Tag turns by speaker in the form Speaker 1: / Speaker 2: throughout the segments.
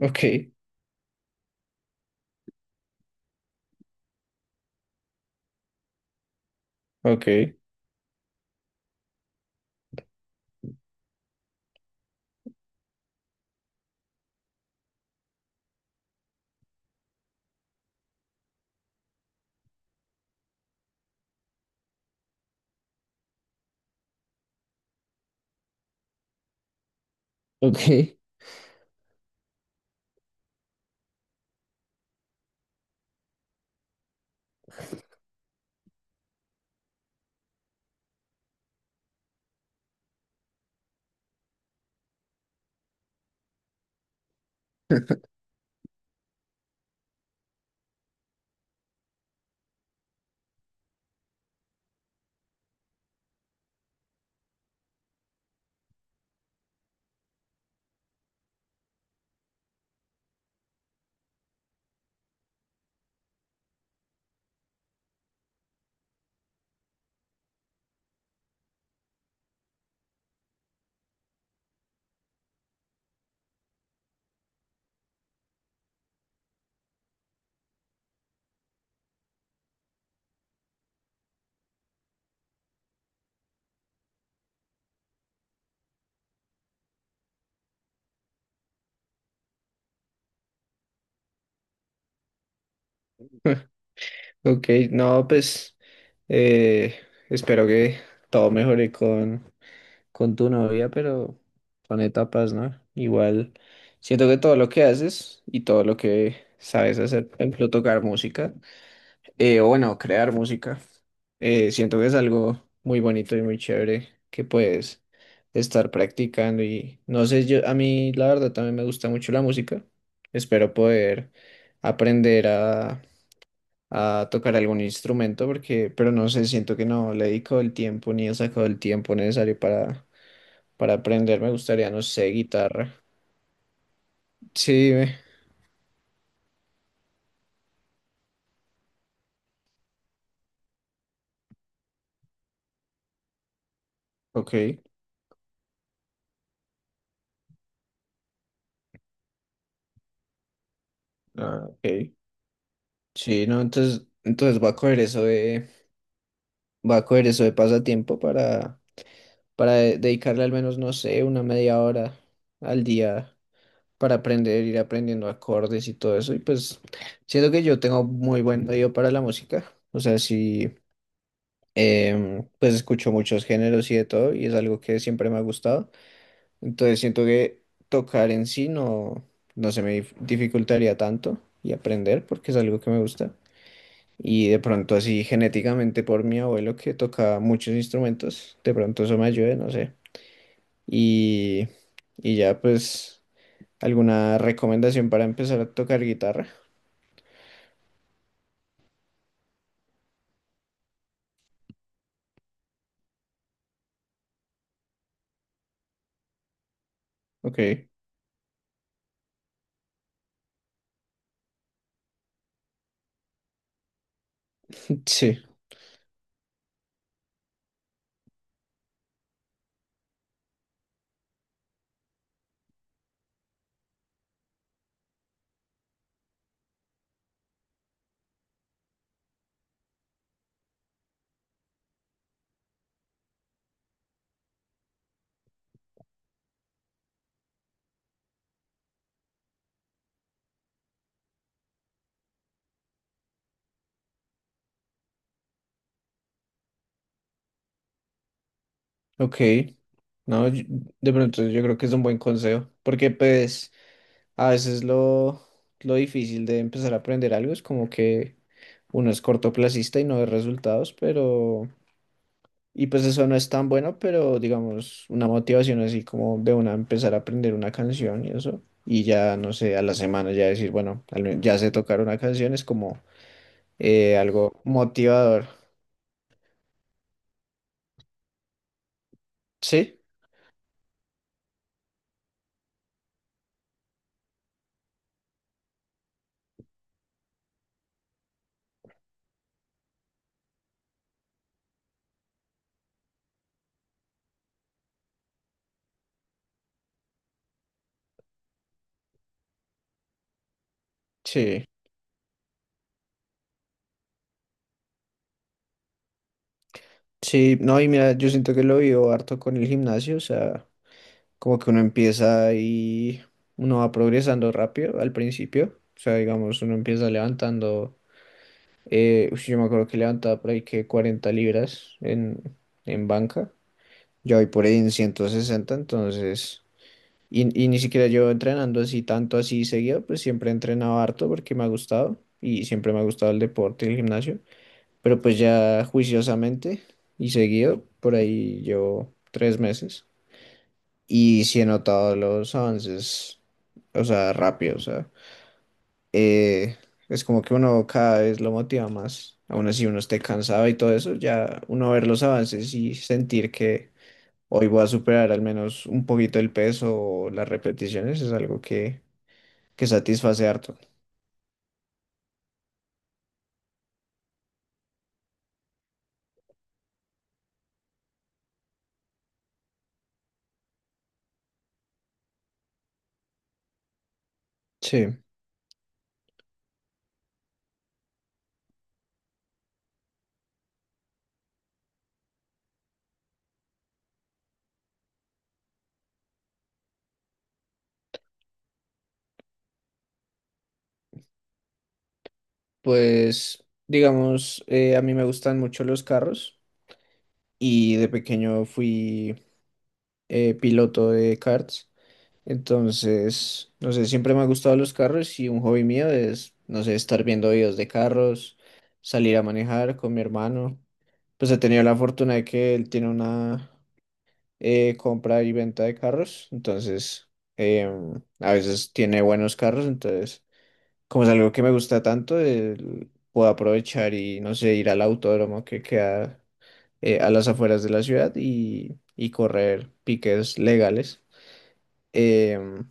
Speaker 1: Ok, ok, Ok. ok. No, pues eh, espero que todo mejore con tu novia, pero son etapas, ¿no? Igual siento que todo lo que haces y todo lo que sabes hacer, por ejemplo, tocar música. O bueno, crear música. Siento que es algo muy bonito y muy chévere que puedes estar practicando y no sé, yo a mí la verdad también me gusta mucho la música. Espero poder aprender a tocar algún instrumento porque, pero no sé, siento que no le he dedicado el tiempo ni he sacado el tiempo necesario para aprender. Me gustaría, no sé, guitarra. Sí, ve, ok, ah, ok. Sí, no, entonces Voy a coger eso de pasatiempo para dedicarle al menos, no sé, una media hora al día para aprender, ir aprendiendo acordes y todo eso. Y pues siento que yo tengo muy buen oído para la música. O sea, sí, pues escucho muchos géneros y de todo y es algo que siempre me ha gustado. Entonces siento que tocar en sí no se me dificultaría tanto y aprender porque es algo que me gusta. Y de pronto así genéticamente por mi abuelo que tocaba muchos instrumentos, de pronto eso me ayude, no sé. Y, y ya pues, ¿alguna recomendación para empezar a tocar guitarra? Ok, sí, ok. No, de pronto yo creo que es un buen consejo, porque pues a veces lo difícil de empezar a aprender algo es como que uno es cortoplacista y no ve resultados, pero... Y pues eso no es tan bueno, pero digamos, una motivación así como de una empezar a aprender una canción y eso. Y ya, no sé, a la semana ya decir, bueno, ya sé tocar una canción, es como algo motivador. Sí, sí, sí. No, y mira, yo siento que lo vivo harto con el gimnasio, o sea, como que uno empieza y uno va progresando rápido al principio. O sea, digamos, uno empieza levantando, yo me acuerdo que levantaba por ahí que 40 libras en banca. Yo voy por ahí en 160, entonces, y ni siquiera yo entrenando así tanto así seguido, pues siempre he entrenado harto porque me ha gustado y siempre me ha gustado el deporte y el gimnasio, pero pues ya juiciosamente y seguido, por ahí llevo 3 meses y sí he notado los avances, o sea, rápido, o sea, eh, es como que uno cada vez lo motiva más, aún así uno esté cansado y todo eso, ya uno ver los avances y sentir que Hoy voy a superar al menos un poquito el peso o las repeticiones, es algo que satisface harto. Sí, pues digamos, a mí me gustan mucho los carros y de pequeño fui piloto de karts, entonces, no sé, siempre me han gustado los carros y un hobby mío es, no sé, estar viendo videos de carros, salir a manejar con mi hermano. Pues he tenido la fortuna de que él tiene una... compra y venta de carros, entonces a veces tiene buenos carros, entonces como es algo que me gusta tanto, puedo aprovechar y no sé, ir al autódromo que queda a las afueras de la ciudad y correr piques legales. Em,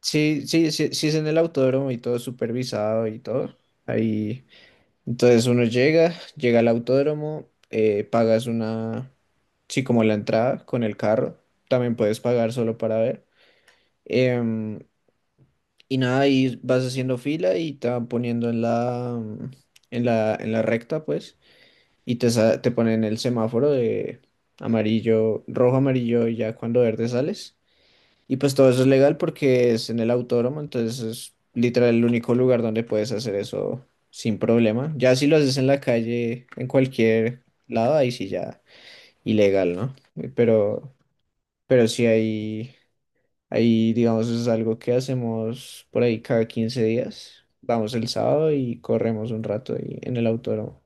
Speaker 1: sí, sí, sí, sí es en el autódromo y todo supervisado y todo. Ahí. Entonces uno llega, llega al autódromo, pagas una, sí, como la entrada con el carro, también puedes pagar solo para ver. Em, y nada, ahí vas haciendo fila y te van poniendo en la, en la recta, pues, y te te ponen el semáforo de amarillo, rojo, amarillo, y ya cuando verde sales. Y pues todo eso es legal porque es en el autódromo, entonces es literal el único lugar donde puedes hacer eso sin problema. Ya si lo haces en la calle, en cualquier lado, ahí sí ya ilegal, ¿no? Pero sí hay ahí digamos es algo que hacemos por ahí cada 15 días. Vamos el sábado y corremos un rato ahí en el autódromo.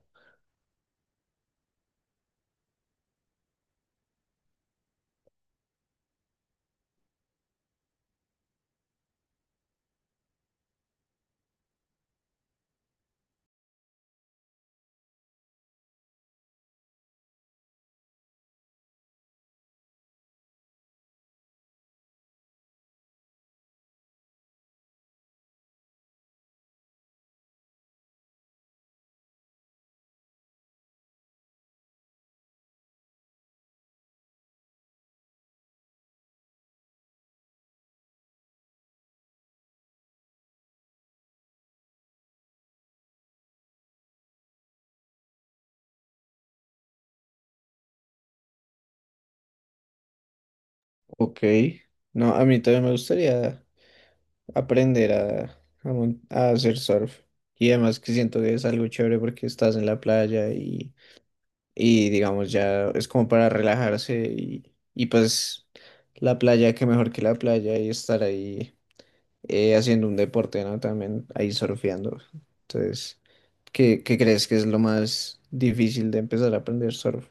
Speaker 1: Ok. No, a mí también me gustaría aprender a a hacer surf. Y además que siento que es algo chévere porque estás en la playa y digamos ya es como para relajarse y pues la playa, qué mejor que la playa y estar ahí haciendo un deporte, ¿no? También ahí surfeando. Entonces, ¿qué, qué crees que es lo más difícil de empezar a aprender surf?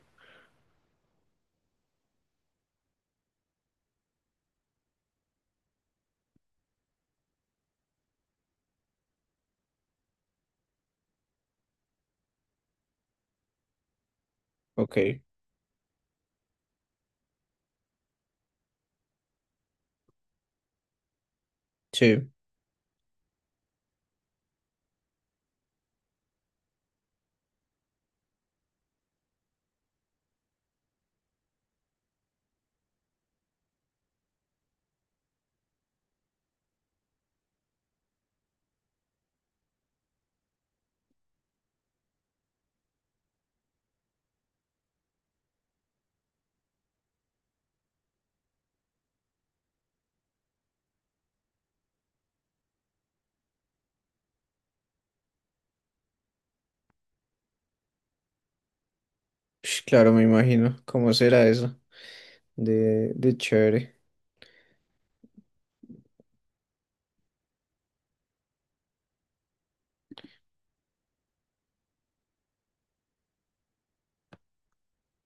Speaker 1: Ok, sí, Ush, claro, me imagino. ¿Cómo será eso? De chévere.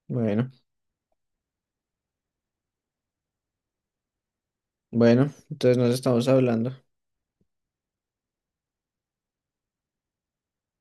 Speaker 1: Bueno, bueno, entonces nos estamos hablando.